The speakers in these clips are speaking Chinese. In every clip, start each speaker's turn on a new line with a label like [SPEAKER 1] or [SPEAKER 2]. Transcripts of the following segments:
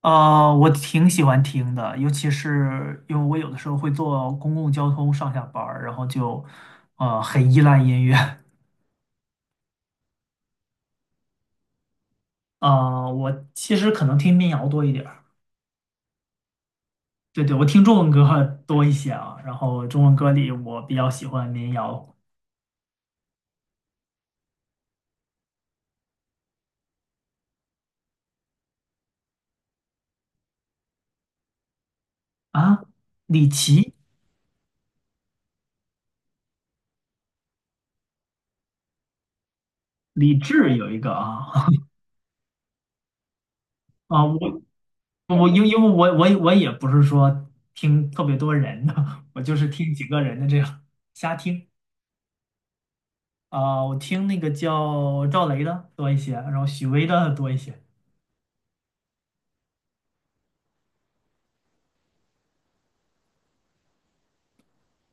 [SPEAKER 1] 我挺喜欢听的，尤其是因为我有的时候会坐公共交通上下班儿，然后就很依赖音乐。我其实可能听民谣多一点儿，对对，我听中文歌多一些啊。然后中文歌里我比较喜欢民谣啊，李琦、李志有一个啊。 啊，我我因为我也不是说听特别多人的，我就是听几个人的这样瞎听。我听那个叫赵雷的多一些，然后许巍的多一些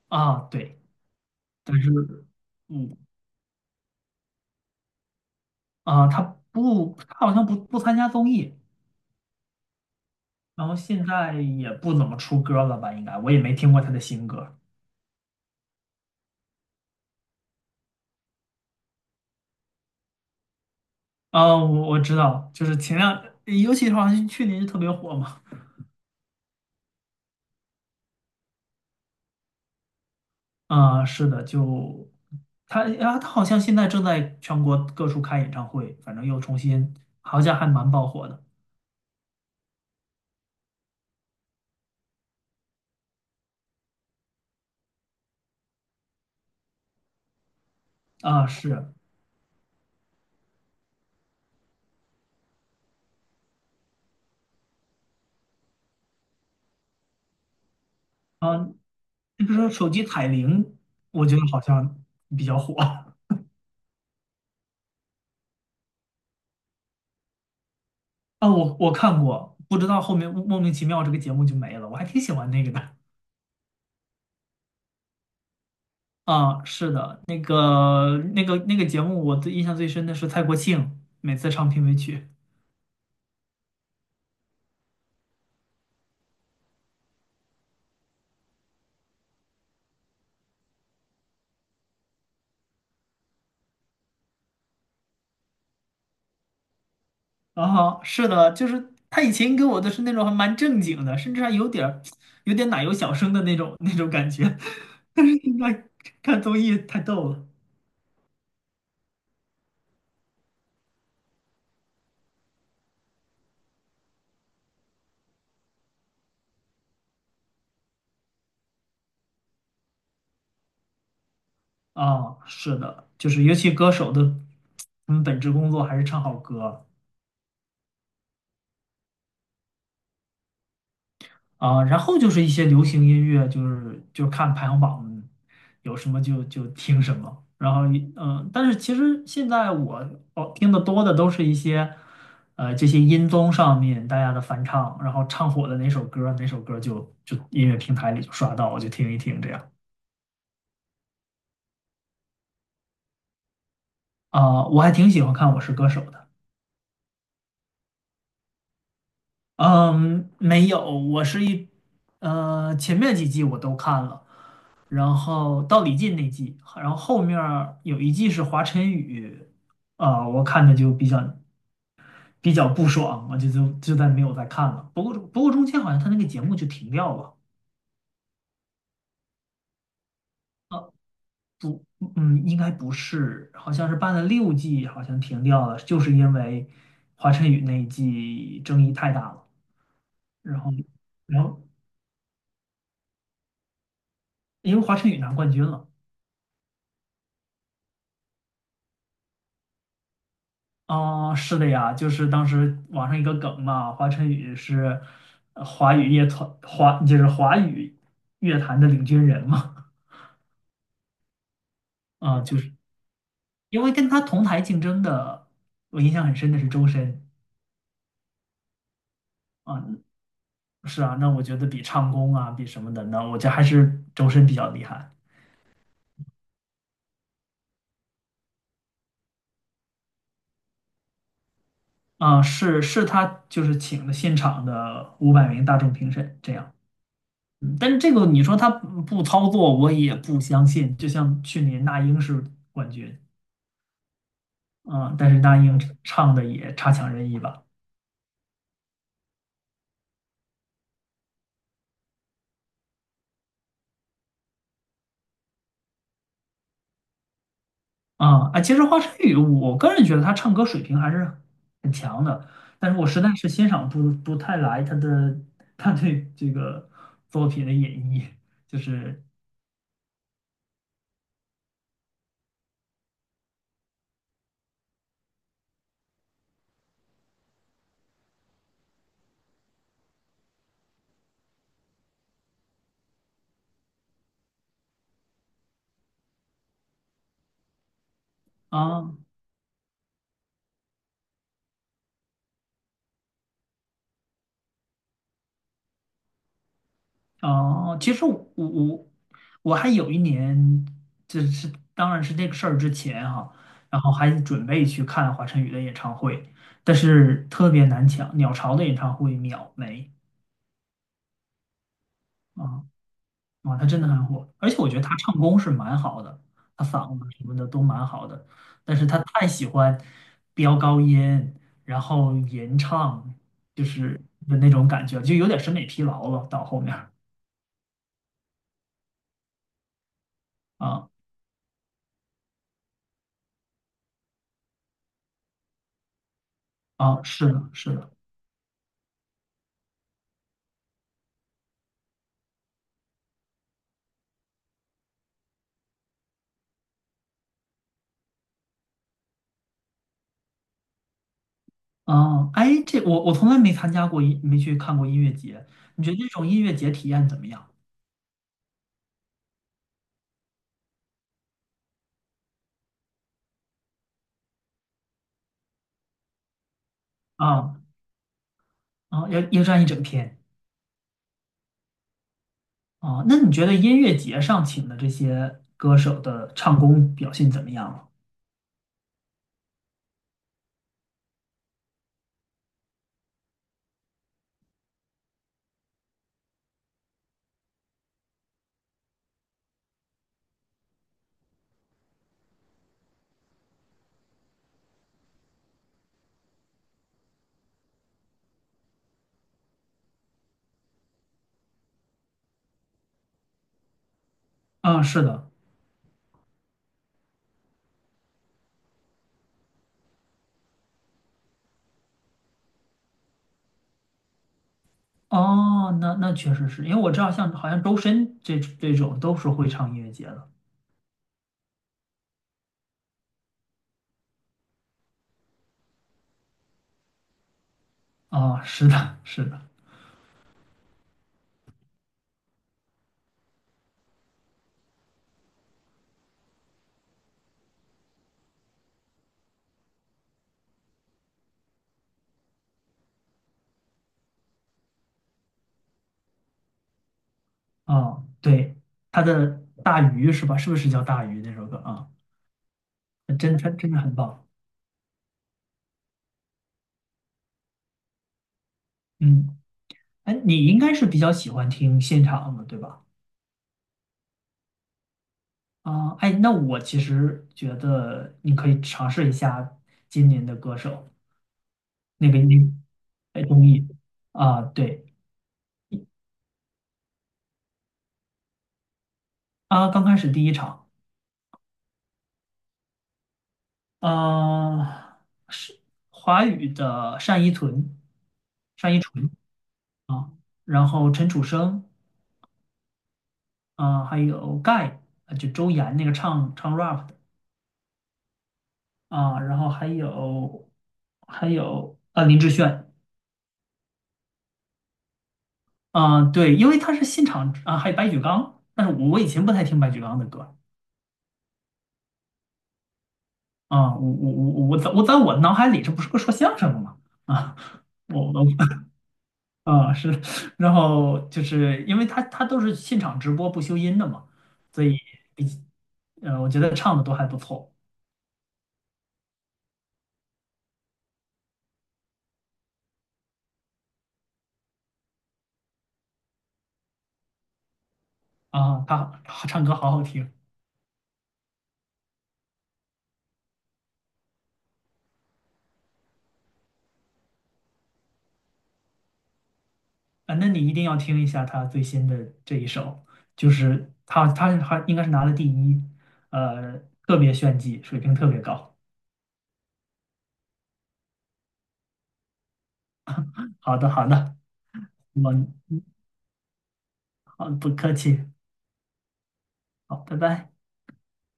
[SPEAKER 1] 啊，对，但是嗯他不，他好像不参加综艺，然后现在也不怎么出歌了吧？应该我也没听过他的新歌。我知道，就是尤其是好像去年就特别火嘛。是的，就他好像现在正在全国各处开演唱会，反正又重新，好像还蛮爆火的啊，是啊。那比如说手机彩铃，我觉得好像比较火。 我看过，不知道后面莫名其妙这个节目就没了，我还挺喜欢那个的。是的，那个节目，我最印象最深的是蔡国庆每次唱片尾曲。啊。是的，就是他以前给我的是那种还蛮正经的，甚至还有点奶油小生的那种感觉，但是现在看综艺太逗了。是的，就是尤其歌手的，他们本职工作还是唱好歌。然后就是一些流行音乐，就是看排行榜有什么就听什么，然后但是其实现在我哦听的多的都是一些这些音综上面大家的翻唱，然后唱火的哪首歌哪首歌就音乐平台里就刷到，我就听一听这样。我还挺喜欢看《我是歌手》的。嗯，没有，我是一，前面几季我都看了，然后到李进那季，然后后面儿有一季是华晨宇。我看的就比较不爽，我就再没有再看了。不过中间好像他那个节目就停掉了。嗯，应该不是，好像是办了6季，好像停掉了，就是因为华晨宇那一季争议太大了。然后然后因为华晨宇拿冠军了。哦，是的呀，就是当时网上一个梗嘛，华晨宇是华语乐团华就是华语乐坛的领军人嘛。就是因为跟他同台竞争的，我印象很深的是周深啊，是啊，那我觉得比唱功啊，比什么的呢，那我觉得还是周深比较厉害。是他就是请的现场的500名大众评审这样。嗯，但是这个你说他不操作，我也不相信。就像去年那英是冠军。嗯，但是那英唱的也差强人意吧？其实华晨宇，我个人觉得他唱歌水平还是很强的，但是我实在是欣赏不太来他的他对这个作品的演绎，就是啊。其实我我还有一年，就是当然是这个事儿之前哈、然后还准备去看华晨宇的演唱会，但是特别难抢，鸟巢的演唱会秒没。啊。他真的很火，而且我觉得他唱功是蛮好的，他嗓子什么的都蛮好的，但是他太喜欢飙高音，然后吟唱，就是的那种感觉，就有点审美疲劳了。到后面儿。啊是的，是的。哎，这我从来没参加过没去看过音乐节，你觉得这种音乐节体验怎么样？啊要站一整天。那你觉得音乐节上请的这些歌手的唱功表现怎么样了？啊，是的。哦，那确实是因为我知道，像好像周深这种都是会唱音乐节的。是的，是的。对，他的《大鱼》是吧？是不是叫《大鱼》那首歌啊？真的很棒。嗯，哎，你应该是比较喜欢听现场的，对吧？哎，那我其实觉得你可以尝试一下今年的歌手那个音，哎，综艺。对。刚开始第一场。呃，是华语的单依纯，单依纯。啊，然后陈楚生。啊，还有盖，啊就周岩那个唱 rap 的。然后还有林志炫。对，因为他是现场啊，还有白举纲，但是我以前不太听白举纲的歌。我在我脑海里这不是个说相声的吗？啊，我我啊是，然后就是因为他都是现场直播不修音的嘛，所以比我觉得唱的都还不错。他唱歌好好听。那你一定要听一下他最新的这一首，就是他还应该是拿了第一，呃，特别炫技，水平特别高。好的，好的，我好，不客气。好，拜拜。